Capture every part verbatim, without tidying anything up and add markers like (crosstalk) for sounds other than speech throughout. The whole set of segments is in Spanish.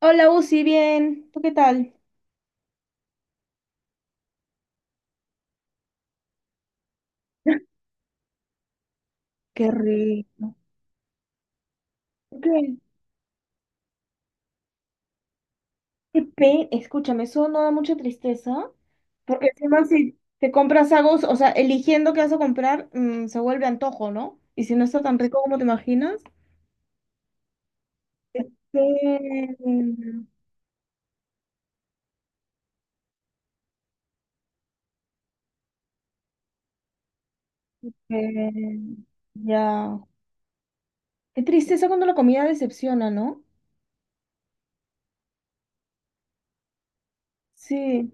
Hola, Uzi, bien. ¿Tú qué tal? Qué rico. ¿Por ¿Qué? Qué pe- Escúchame, eso no da mucha tristeza. Porque encima si te compras algo, o sea, eligiendo qué vas a comprar, mm, se vuelve antojo, ¿no? Y si no está tan rico como te imaginas. qué- qué- Ya. Qué tristeza cuando la comida decepciona, ¿no? Sí.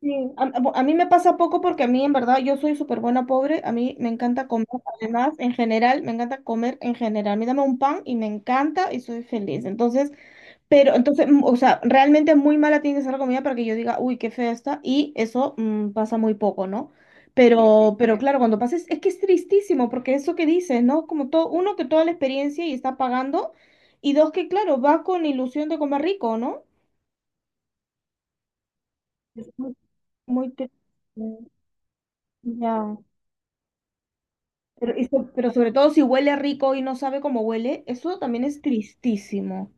Sí, a, a- mí me pasa poco porque a mí en verdad yo soy súper buena pobre, a mí me encanta comer, además en general, me encanta comer en general, a mí dame un pan y me encanta y soy feliz, entonces, pero entonces, mm, o sea, realmente muy mala tiene que ser la comida para que yo diga, uy, qué fea está, y eso mm, pasa muy poco, ¿no? Pero, pero, claro, cuando pasa es, es que es tristísimo porque eso que dices, ¿no? Como todo, uno que toda la experiencia y está pagando, y dos que claro, va con ilusión de comer rico, ¿no? Es muy, muy triste. Ya. Pero, y so- pero sobre todo si huele rico y no sabe cómo huele, eso también es tristísimo.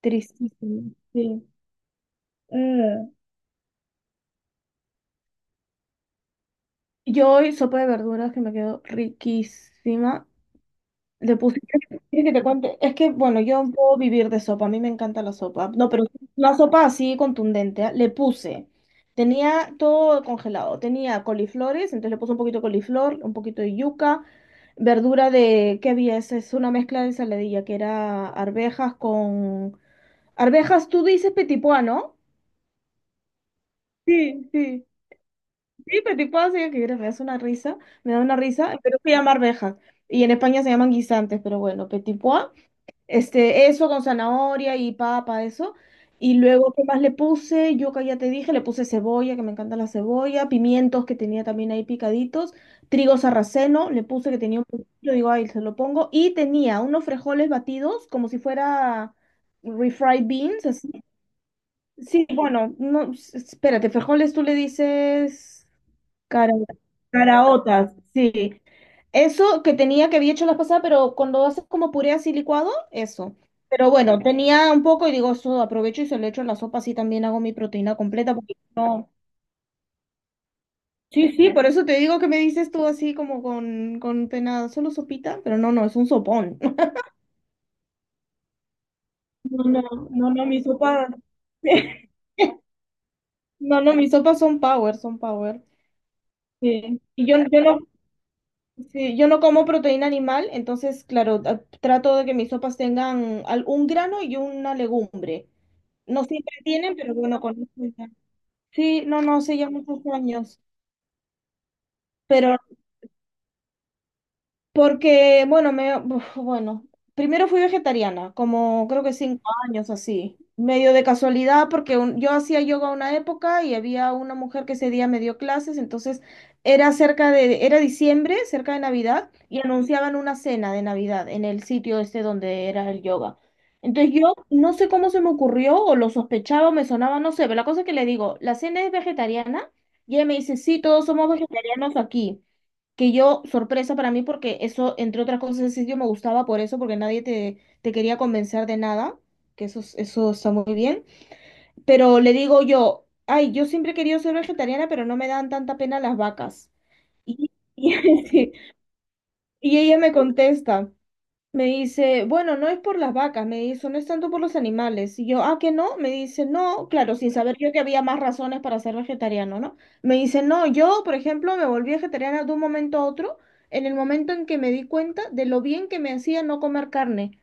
Tristísimo. Sí. Mm. Yo hoy sopa de verduras que me quedó riquísima. Le puse, ¿quieres que te cuente? Es que, bueno, yo puedo vivir de sopa, a mí me encanta la sopa. No, pero una sopa así contundente, ¿ah? Le puse, tenía todo congelado, tenía coliflores, entonces le puse un poquito de coliflor, un poquito de yuca, verdura de, ¿qué había? Es, es una mezcla de ensaladilla, que era arvejas con. Arvejas, tú dices petipoa, ¿no? Sí, sí. Sí, petipoa, sí, que era- es una risa, me da una risa, pero se llama arvejas. Y en España se llaman guisantes, pero bueno, petipoa. Este, eso con zanahoria y papa, eso. Y luego, ¿qué más le puse? Yo que ya te dije, le puse cebolla, que me encanta la cebolla, pimientos que tenía también ahí picaditos, trigo sarraceno, le puse que tenía un poquito, digo, ahí se lo pongo. Y tenía unos frijoles batidos, como si fuera refried beans. Sí, bueno, no, s- espérate, frijoles tú le dices cara- caraotas, sí. Eso que tenía que había hecho la pasada, pero cuando haces como puré así licuado, eso. Pero bueno, tenía un poco y digo, eso aprovecho y se lo echo en la sopa, así también hago mi proteína completa, porque no. Sí, sí, por eso te digo que me dices tú así como con, con pena, solo sopita, pero no, no, es un sopón. (laughs) No, no, no, no, mi sopa. (laughs) No, no, mis sopas son power, son power. Sí. Y yo, yo no Sí, yo no como proteína animal, entonces, claro, a- trato de que mis sopas tengan al- un grano y una legumbre. No siempre tienen, pero bueno, con eso ya- Sí, no, no, hace ya muchos años. Pero Porque, bueno, me, uf, bueno, primero fui vegetariana, como creo que cinco años así, medio de casualidad, porque un- yo hacía yoga una época y había una mujer que ese día me dio clases, entonces era cerca de, era diciembre, cerca de Navidad, y anunciaban una cena de Navidad en el sitio este donde era el yoga. Entonces yo no sé cómo se me ocurrió, o lo sospechaba, o me sonaba, no sé, pero la cosa es que le digo, la cena es vegetariana, y ella me dice, sí, todos somos vegetarianos aquí que yo, sorpresa para mí, porque eso, entre otras cosas, ese sitio me gustaba por eso, porque nadie te, te quería convencer de nada, que eso, es- eso está muy bien. Pero le digo yo, ay, yo siempre he querido ser vegetariana, pero no me dan tanta pena las vacas. Y, (laughs) y, sí, y ella me contesta. Me dice, bueno, no es por las vacas, me dice, no es tanto por los animales. Y yo, ah, que no, me dice, no, claro, sin saber yo que había más razones para ser vegetariano, ¿no? Me dice, no, yo, por ejemplo, me volví vegetariana de un momento a otro, en el momento en que me di cuenta de lo bien que me hacía no comer carne.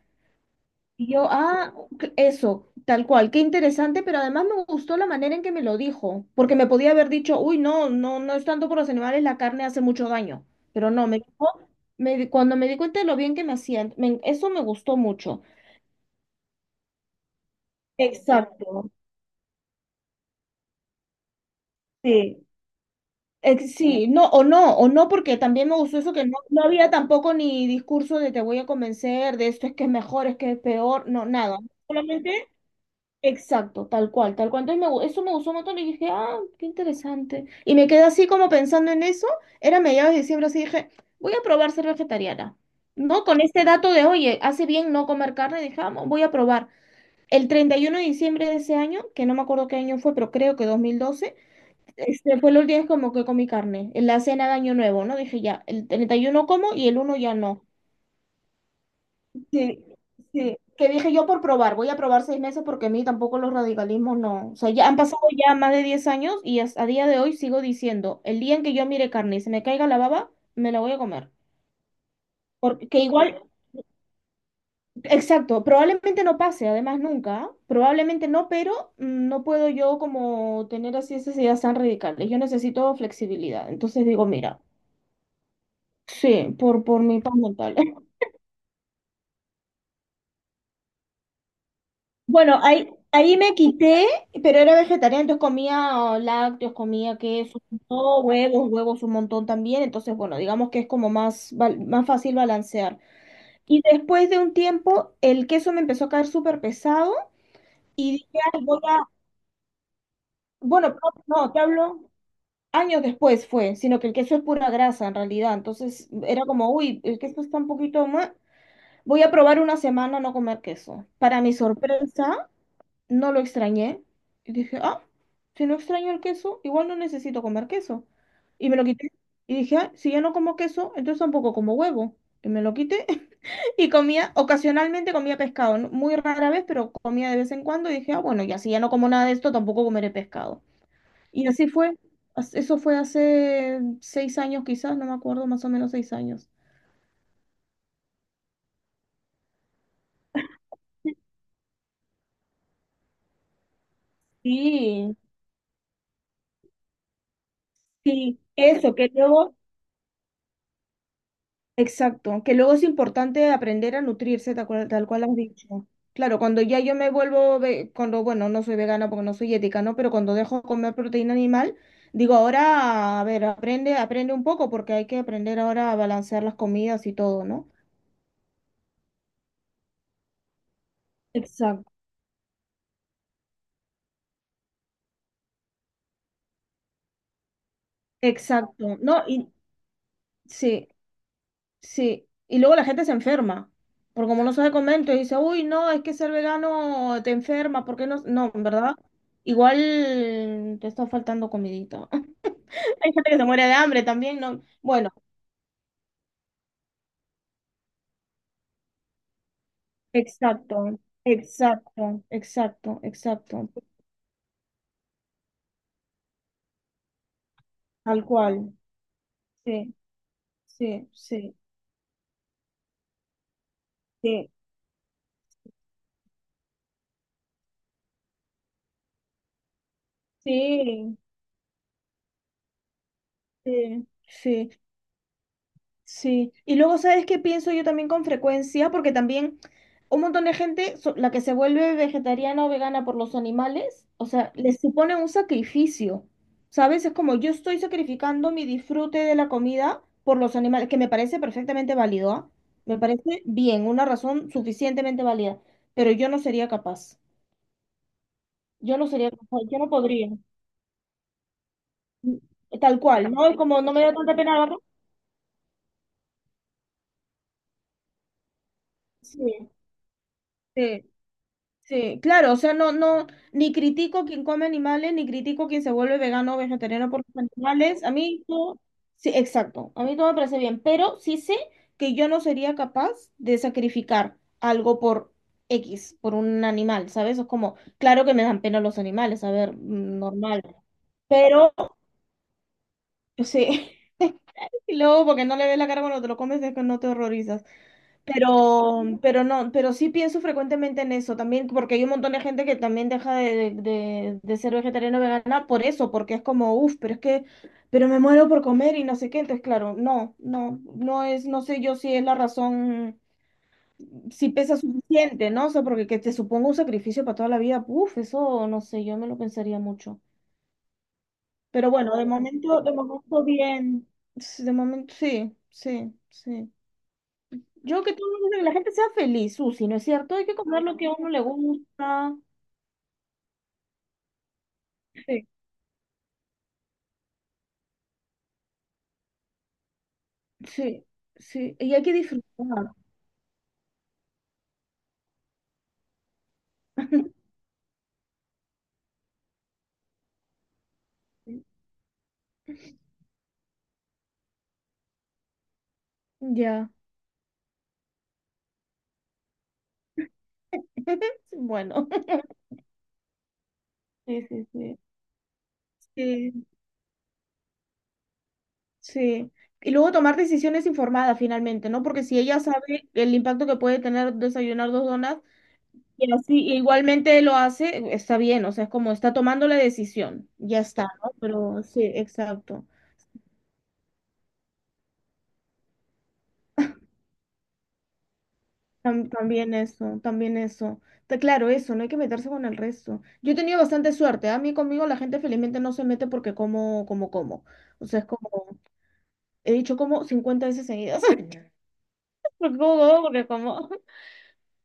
Y yo, ah, ok, eso, tal cual, qué interesante, pero además me gustó la manera en que me lo dijo, porque me podía haber dicho, uy, no, no, no es tanto por los animales, la carne hace mucho daño, pero no, me dijo, me, di- cuando me di cuenta de lo bien que me hacían, me- eso me gustó mucho. Exacto, sí. Ex- Sí, no, o no, o no, porque también me gustó eso que no, no había tampoco ni discurso de te voy a convencer, de esto es que es mejor, es que es peor, no, nada. Solamente Exacto, tal cual, tal cual. Entonces me gu- eso me gustó un montón y dije, ah, qué interesante. Y me quedé así como pensando en eso. Era mediados de diciembre, así dije, voy a probar ser vegetariana. ¿No? Con este dato de, oye, hace bien no comer carne, dije, "Ah, voy a probar. El treinta y uno de diciembre de ese año, que no me acuerdo qué año fue, pero creo que dos mil doce, este, fue los días como que comí carne, en la cena de Año Nuevo, ¿no? Dije, ya, el treinta y uno como y el uno ya no. Sí, sí, que dije yo por probar, voy a probar seis meses porque a mí tampoco los radicalismos no, o sea, ya han pasado ya más de diez años y hasta a día de hoy sigo diciendo, el día en que yo mire carne y se me caiga la baba, me la voy a comer. Porque igual, exacto, probablemente no pase, además nunca, probablemente no, pero mm, no puedo yo como tener así esas ideas tan radicales, yo necesito flexibilidad, entonces digo, mira, sí, por, por mi paz mental. Bueno, ahí, ahí me quité, pero era vegetariana, entonces comía oh, lácteos, comía queso, no, huevos, huevos un montón también, entonces bueno, digamos que es como más, val- más fácil balancear. Y después de un tiempo, el queso me empezó a caer súper pesado y dije, "Ay, voy a, bueno, no, no, te hablo años después fue, sino que el queso es pura grasa en realidad, entonces era como, uy, el queso está un poquito más. Voy a probar una semana no comer queso. Para mi sorpresa, no lo extrañé. Y dije, ah, si no extraño el queso, igual no necesito comer queso. Y me lo quité. Y dije, ah, si ya no como queso, entonces tampoco como huevo. Y me lo quité. (laughs) Y comía, ocasionalmente comía pescado, ¿no? Muy rara vez, pero comía de vez en cuando. Y dije, ah, bueno, ya si ya no como nada de esto, tampoco comeré pescado. Y así fue. As- Eso fue hace seis años quizás, no me acuerdo, más o menos seis años. Sí, sí. eso, que luego Exacto, que luego es importante aprender a nutrirse, tal cual, tal cual has dicho. Claro, cuando ya yo me vuelvo, ve- cuando, bueno, no soy vegana porque no soy ética, ¿no? Pero cuando dejo de comer proteína animal, digo, ahora, a ver, aprende, aprende un poco porque hay que aprender ahora a balancear las comidas y todo, ¿no? Exacto. Exacto, no, y sí, sí, y luego la gente se enferma, porque como no sabe comer, entonces dice, uy, no, es que ser vegano te enferma, ¿por qué no? No, en verdad, igual te está faltando comidita. Hay gente que se muere de hambre también, ¿no? Bueno, exacto, exacto, exacto, exacto, tal cual. Sí, sí, sí, sí, sí, sí, sí. Sí, y luego, ¿sabes qué pienso yo también con frecuencia? Porque también un montón de gente, so- la que se vuelve vegetariana o vegana por los animales, o sea, les supone un sacrificio, ¿sabes? Es como yo estoy sacrificando mi disfrute de la comida por los animales, que me parece perfectamente válido, ¿ah? Me parece bien, una razón suficientemente válida, pero yo no sería capaz, yo no sería capaz, yo no podría, tal cual, ¿no? Es como no me da tanta pena la. Sí, sí. Sí, claro, o sea, no, no, ni critico a quien come animales, ni critico a quien se vuelve vegano o vegetariano por los animales. A mí todo, sí, exacto, a mí todo me parece bien, pero sí sé que yo no sería capaz de sacrificar algo por X, por un animal, ¿sabes? Es como, claro que me dan pena los animales, a ver, mm, normal, pero sí, (laughs) y luego porque no le ves la cara cuando te lo comes es que no te horrorizas. Pero, pero no, pero sí pienso frecuentemente en eso también, porque hay un montón de gente que también deja de, de, de ser vegetariano o vegana por eso, porque es como, uff, pero es que, pero me muero por comer y no sé qué. Entonces, claro, no, no, no es, no sé yo si es la razón, si pesa suficiente, ¿no? O sea, porque que te suponga un sacrificio para toda la vida, uff, eso no sé, yo me lo pensaría mucho. Pero bueno, de momento, de momento bien, de momento sí, sí, sí. Yo que todo el mundo, que la gente sea feliz, Susi, ¿no es cierto? Hay que comer lo que a uno le gusta. Sí. Sí, sí, y hay que disfrutar. Ya. (laughs) Bueno, sí, sí, sí. Sí. Sí. Y luego tomar decisiones informadas finalmente, ¿no? Porque si ella sabe el impacto que puede tener desayunar dos donas y así igualmente lo hace, está bien, o sea, es como está tomando la decisión, ya está, ¿no? Pero sí, exacto. Tam- También eso, también eso. Está claro, eso, no hay que meterse con el resto. Yo he tenido bastante suerte, ¿ah? A mí conmigo la gente felizmente no se mete porque como, como, como. O sea, es como, he dicho como cincuenta veces seguidas. (laughs) Porque como, como, porque como. (laughs)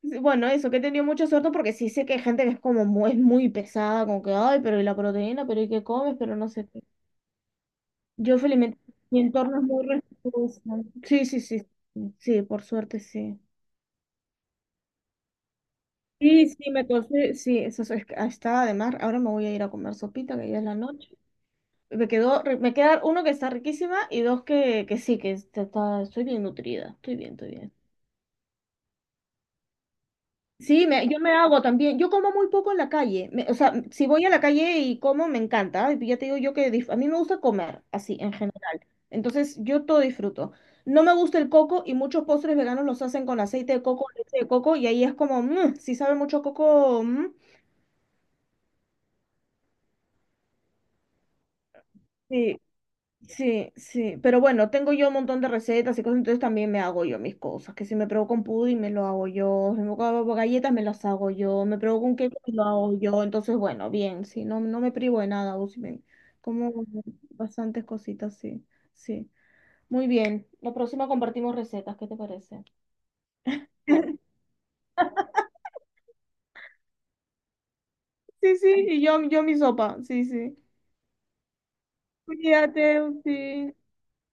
Sí, bueno, eso, que he tenido mucha suerte porque sí sé que hay gente que es como muy, es muy pesada, como que, ay, pero y la proteína, pero y qué comes, pero no sé qué. Yo felizmente, mi entorno es muy respetuoso. Sí, sí, sí. Sí, por suerte, sí. Sí, sí, me cosí, sí, eso es, es que ah, estaba. Ahora me voy a ir a comer sopita, que ya es la noche. Me quedó, ri- me queda uno que está riquísima y dos que, que sí, que está, está- estoy bien nutrida. Estoy bien, estoy bien. Sí, me, yo me hago también. Yo como muy poco en la calle. Me- o sea, si voy a la calle y como, me encanta. Y ya te digo yo que dif- a mí me gusta comer, así, en general. Entonces, yo todo disfruto. No me gusta el coco y muchos postres veganos los hacen con aceite de coco, leche de coco, y ahí es como, mmm, si sabe mucho a coco, mm, sí, sí, sí, pero bueno, tengo yo un montón de recetas y cosas, entonces también me hago yo mis cosas, que si me provoca un pudding me lo hago yo, si me provoca galletas me las hago yo, me provoca un cake me lo hago yo, entonces bueno, bien, sí, no, no me privo de nada, o si me- como bastantes cositas, sí, sí. Muy bien, la próxima compartimos recetas, ¿qué te parece? (laughs) Sí, sí, y yo, yo mi sopa, sí, sí. Cuídate, sí.